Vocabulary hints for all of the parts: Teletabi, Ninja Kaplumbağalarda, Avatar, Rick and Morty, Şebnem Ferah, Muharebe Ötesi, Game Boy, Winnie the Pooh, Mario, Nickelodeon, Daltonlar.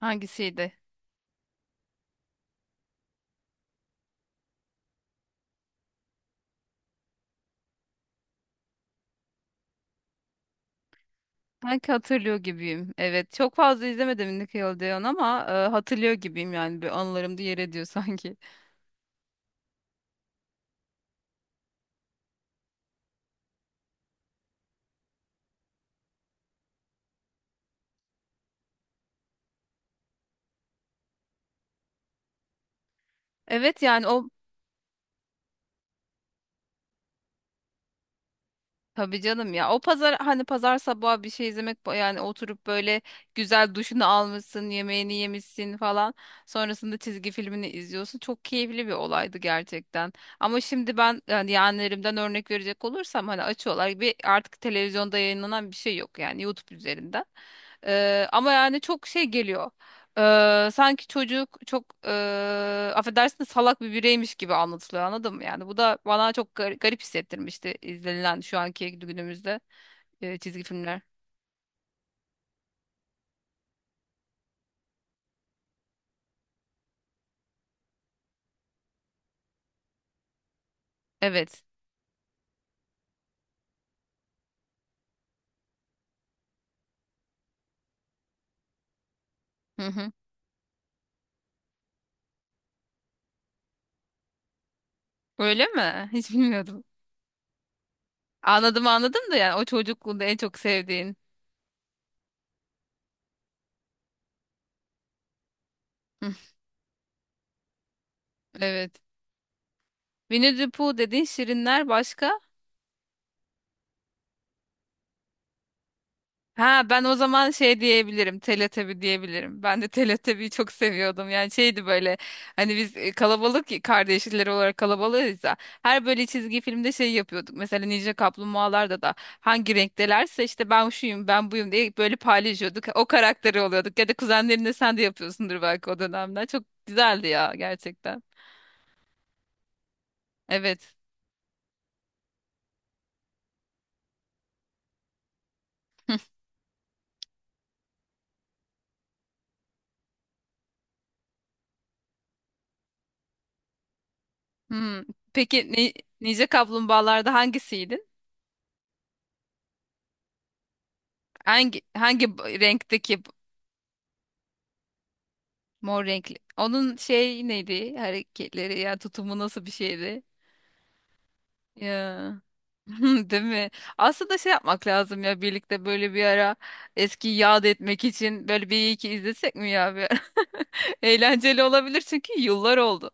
Hangisiydi? Sanki hatırlıyor gibiyim. Evet, çok fazla izlemedim Nickelodeon ama hatırlıyor gibiyim, yani bir anılarımda yer ediyor sanki. Evet, yani o, tabii canım ya, o pazar, hani pazar sabahı bir şey izlemek, yani oturup böyle güzel duşunu almışsın, yemeğini yemişsin falan. Sonrasında çizgi filmini izliyorsun. Çok keyifli bir olaydı gerçekten. Ama şimdi ben, yani yeğenlerimden örnek verecek olursam, hani açıyorlar, bir artık televizyonda yayınlanan bir şey yok, yani YouTube üzerinden. Ama yani çok şey geliyor. Sanki çocuk çok affedersin de salak bir bireymiş gibi anlatılıyor, anladın mı? Yani bu da bana çok garip hissettirmişti izlenilen şu anki günümüzde çizgi filmler. Evet. Hı hı. Öyle mi? Hiç bilmiyordum. Anladım anladım, da yani o çocukluğunda en çok sevdiğin. Hı, evet. Winnie the Pooh dediğin, şirinler, başka? Ha, ben o zaman şey diyebilirim. Teletabi diyebilirim. Ben de Teletabi'yi çok seviyordum. Yani şeydi böyle, hani biz kalabalık ya, kardeşler olarak kalabalığız ya. Her böyle çizgi filmde şey yapıyorduk. Mesela Ninja Kaplumbağalarda da hangi renktelerse işte, ben şuyum ben buyum diye, böyle paylaşıyorduk. O karakteri oluyorduk. Ya da kuzenlerinde sen de yapıyorsundur belki o dönemden. Çok güzeldi ya gerçekten. Evet. Hmm. Peki ni Ninja Kaplumbağalarda hangisiydin? Hangi renkteki? Mor renkli. Onun şey neydi? Hareketleri ya tutumu nasıl bir şeydi? Ya. Değil mi? Aslında şey yapmak lazım ya, birlikte böyle bir ara eski yad etmek için, böyle bir iki izlesek mi ya bir ara? Eğlenceli olabilir çünkü yıllar oldu.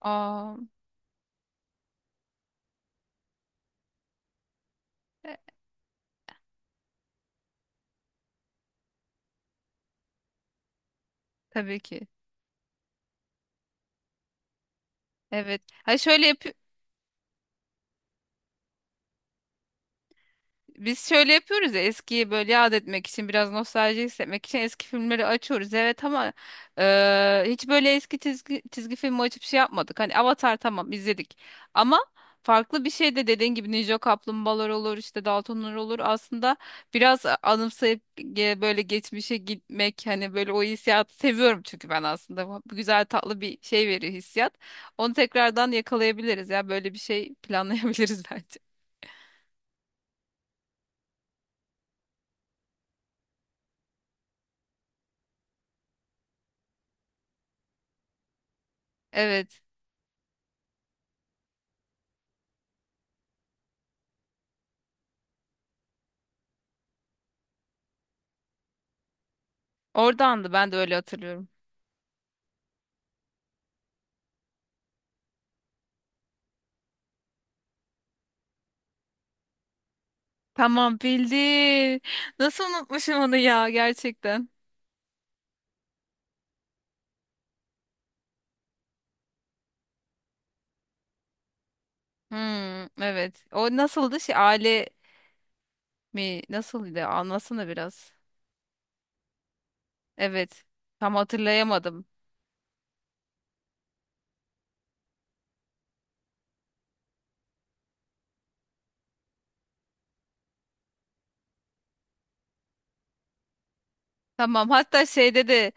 Aa, e, tabii ki. Evet. Ha şöyle yap. Biz şöyle yapıyoruz ya, eskiyi böyle yad etmek için, biraz nostalji hissetmek için eski filmleri açıyoruz, evet, ama hiç böyle eski çizgi filmi açıp şey yapmadık. Hani Avatar, tamam, izledik, ama farklı bir şey de, dediğin gibi Ninja Kaplumbağalar olur, işte Daltonlar olur, aslında biraz anımsayıp böyle geçmişe gitmek, hani böyle o hissiyatı seviyorum çünkü ben. Aslında bu güzel tatlı bir şey veriyor, hissiyat, onu tekrardan yakalayabiliriz ya, böyle bir şey planlayabiliriz bence. Evet. Oradandı, ben de öyle hatırlıyorum. Tamam, bildim. Nasıl unutmuşum onu ya, gerçekten. Hmm, evet. O nasıldı, şey aile mi, nasılydı, anlasana biraz. Evet. Tam hatırlayamadım. Tamam, hatta şeyde de,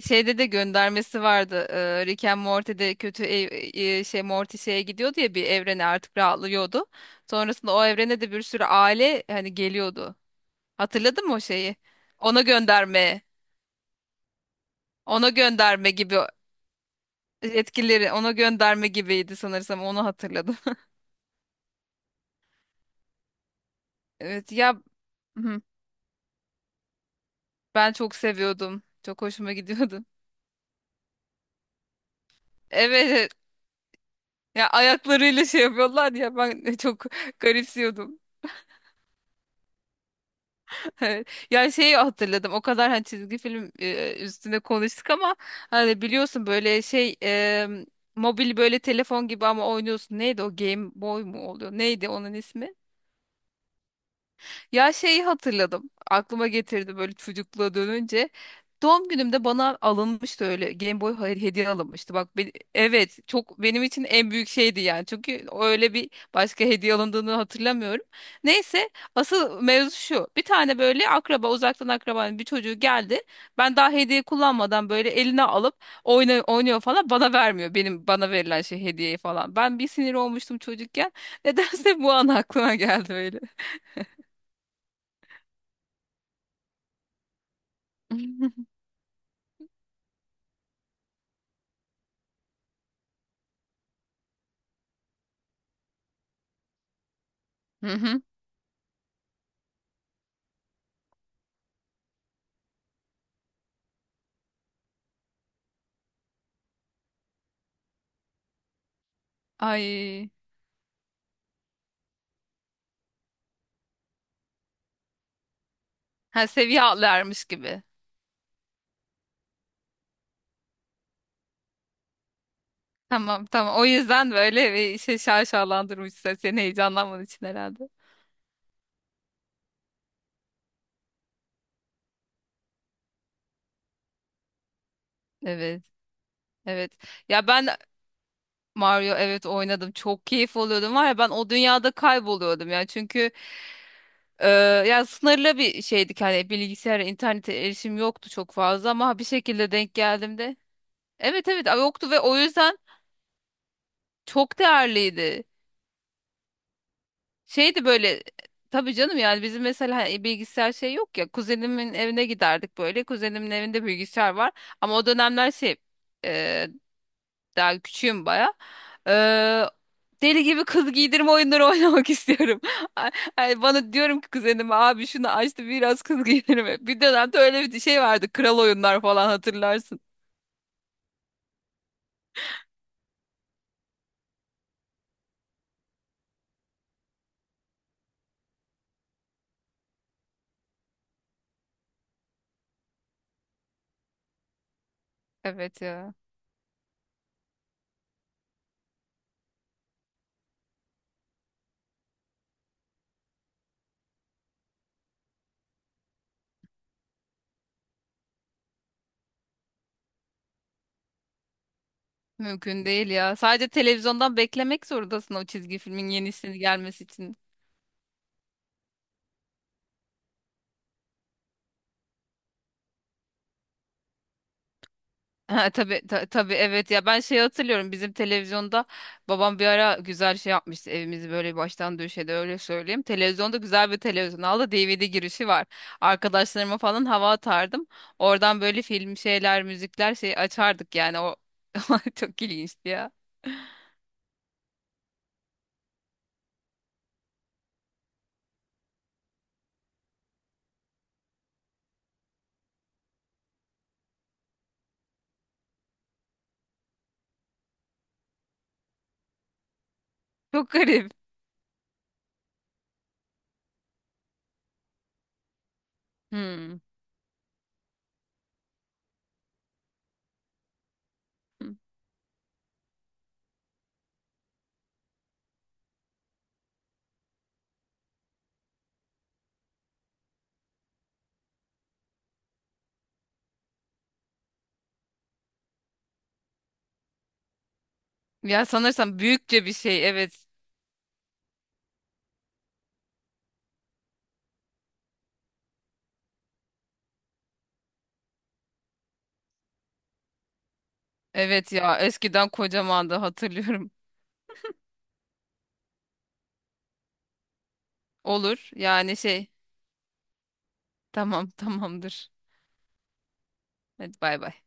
şeyde de göndermesi vardı. Rick and Morty'de Morty şeye gidiyordu ya, bir evrene, artık rahatlıyordu. Sonrasında o evrene de bir sürü aile hani geliyordu. Hatırladın mı o şeyi? Ona gönderme. Ona gönderme gibi. Etkileri ona gönderme gibiydi sanırsam, onu hatırladım. Evet ya. Hı, ben çok seviyordum. Çok hoşuma gidiyordu. Evet evet. Ya ayaklarıyla şey yapıyorlar ya, ben çok garipsiyordum. Evet. Ya şeyi hatırladım, o kadar hani çizgi film üstüne konuştuk ama, hani biliyorsun böyle şey, mobil böyle telefon gibi ama oynuyorsun. Neydi o, Game Boy mu oluyor? Neydi onun ismi? Ya şeyi hatırladım. Aklıma getirdi, böyle çocukluğa dönünce. Doğum günümde bana alınmıştı öyle, Game Boy, hayır, hediye alınmıştı. Bak ben, evet, çok benim için en büyük şeydi yani. Çünkü öyle bir başka hediye alındığını hatırlamıyorum. Neyse, asıl mevzu şu. Bir tane böyle akraba, uzaktan akrabanın bir çocuğu geldi. Ben daha hediye kullanmadan böyle eline alıp oynuyor falan, bana vermiyor. Benim bana verilen şey, hediyeyi falan. Ben bir sinir olmuştum çocukken. Nedense bu an aklıma geldi öyle. Hı hı. Ay. Ha, seviye atlarmış gibi. Tamam tamam. O yüzden böyle bir şey şaşalandırmış, seni heyecanlanman için herhalde. Evet. Evet. Ya ben, Mario, evet, oynadım. Çok keyif alıyordum var ya, ben o dünyada kayboluyordum ya. Çünkü e, ya sınırlı bir şeydik, hani bilgisayara internete erişim yoktu çok fazla, ama bir şekilde denk geldim de. Evet evet, yoktu ve o yüzden çok değerliydi. Şeydi böyle, tabii canım, yani bizim mesela, hani bilgisayar şey yok ya, kuzenimin evine giderdik, böyle kuzenimin evinde bilgisayar var, ama o dönemler şey, e, daha küçüğüm baya. E, Deli gibi kız giydirme oyunları oynamak istiyorum. Ay- Ay, bana diyorum ki kuzenime, abi şunu açtı, biraz kız giydirme. Bir dönemde öyle bir şey vardı, kral oyunlar falan, hatırlarsın. Evet ya. Mümkün değil ya. Sadece televizyondan beklemek zorundasın o çizgi filmin yenisini gelmesi için. Ha, tabii, tabii, evet ya, ben şey hatırlıyorum, bizim televizyonda babam bir ara güzel şey yapmıştı, evimizi böyle baştan döşedi, öyle söyleyeyim. Televizyonda, güzel bir televizyon aldı, DVD girişi var. Arkadaşlarıma falan hava atardım. Oradan böyle film şeyler, müzikler şey açardık, yani o çok ilginçti ya. Çok garip. Hmm. Ya sanırsam büyükçe bir şey, evet. Evet ya, eskiden kocamandı, hatırlıyorum. Olur, yani şey, tamam, tamamdır. Hadi bay bay.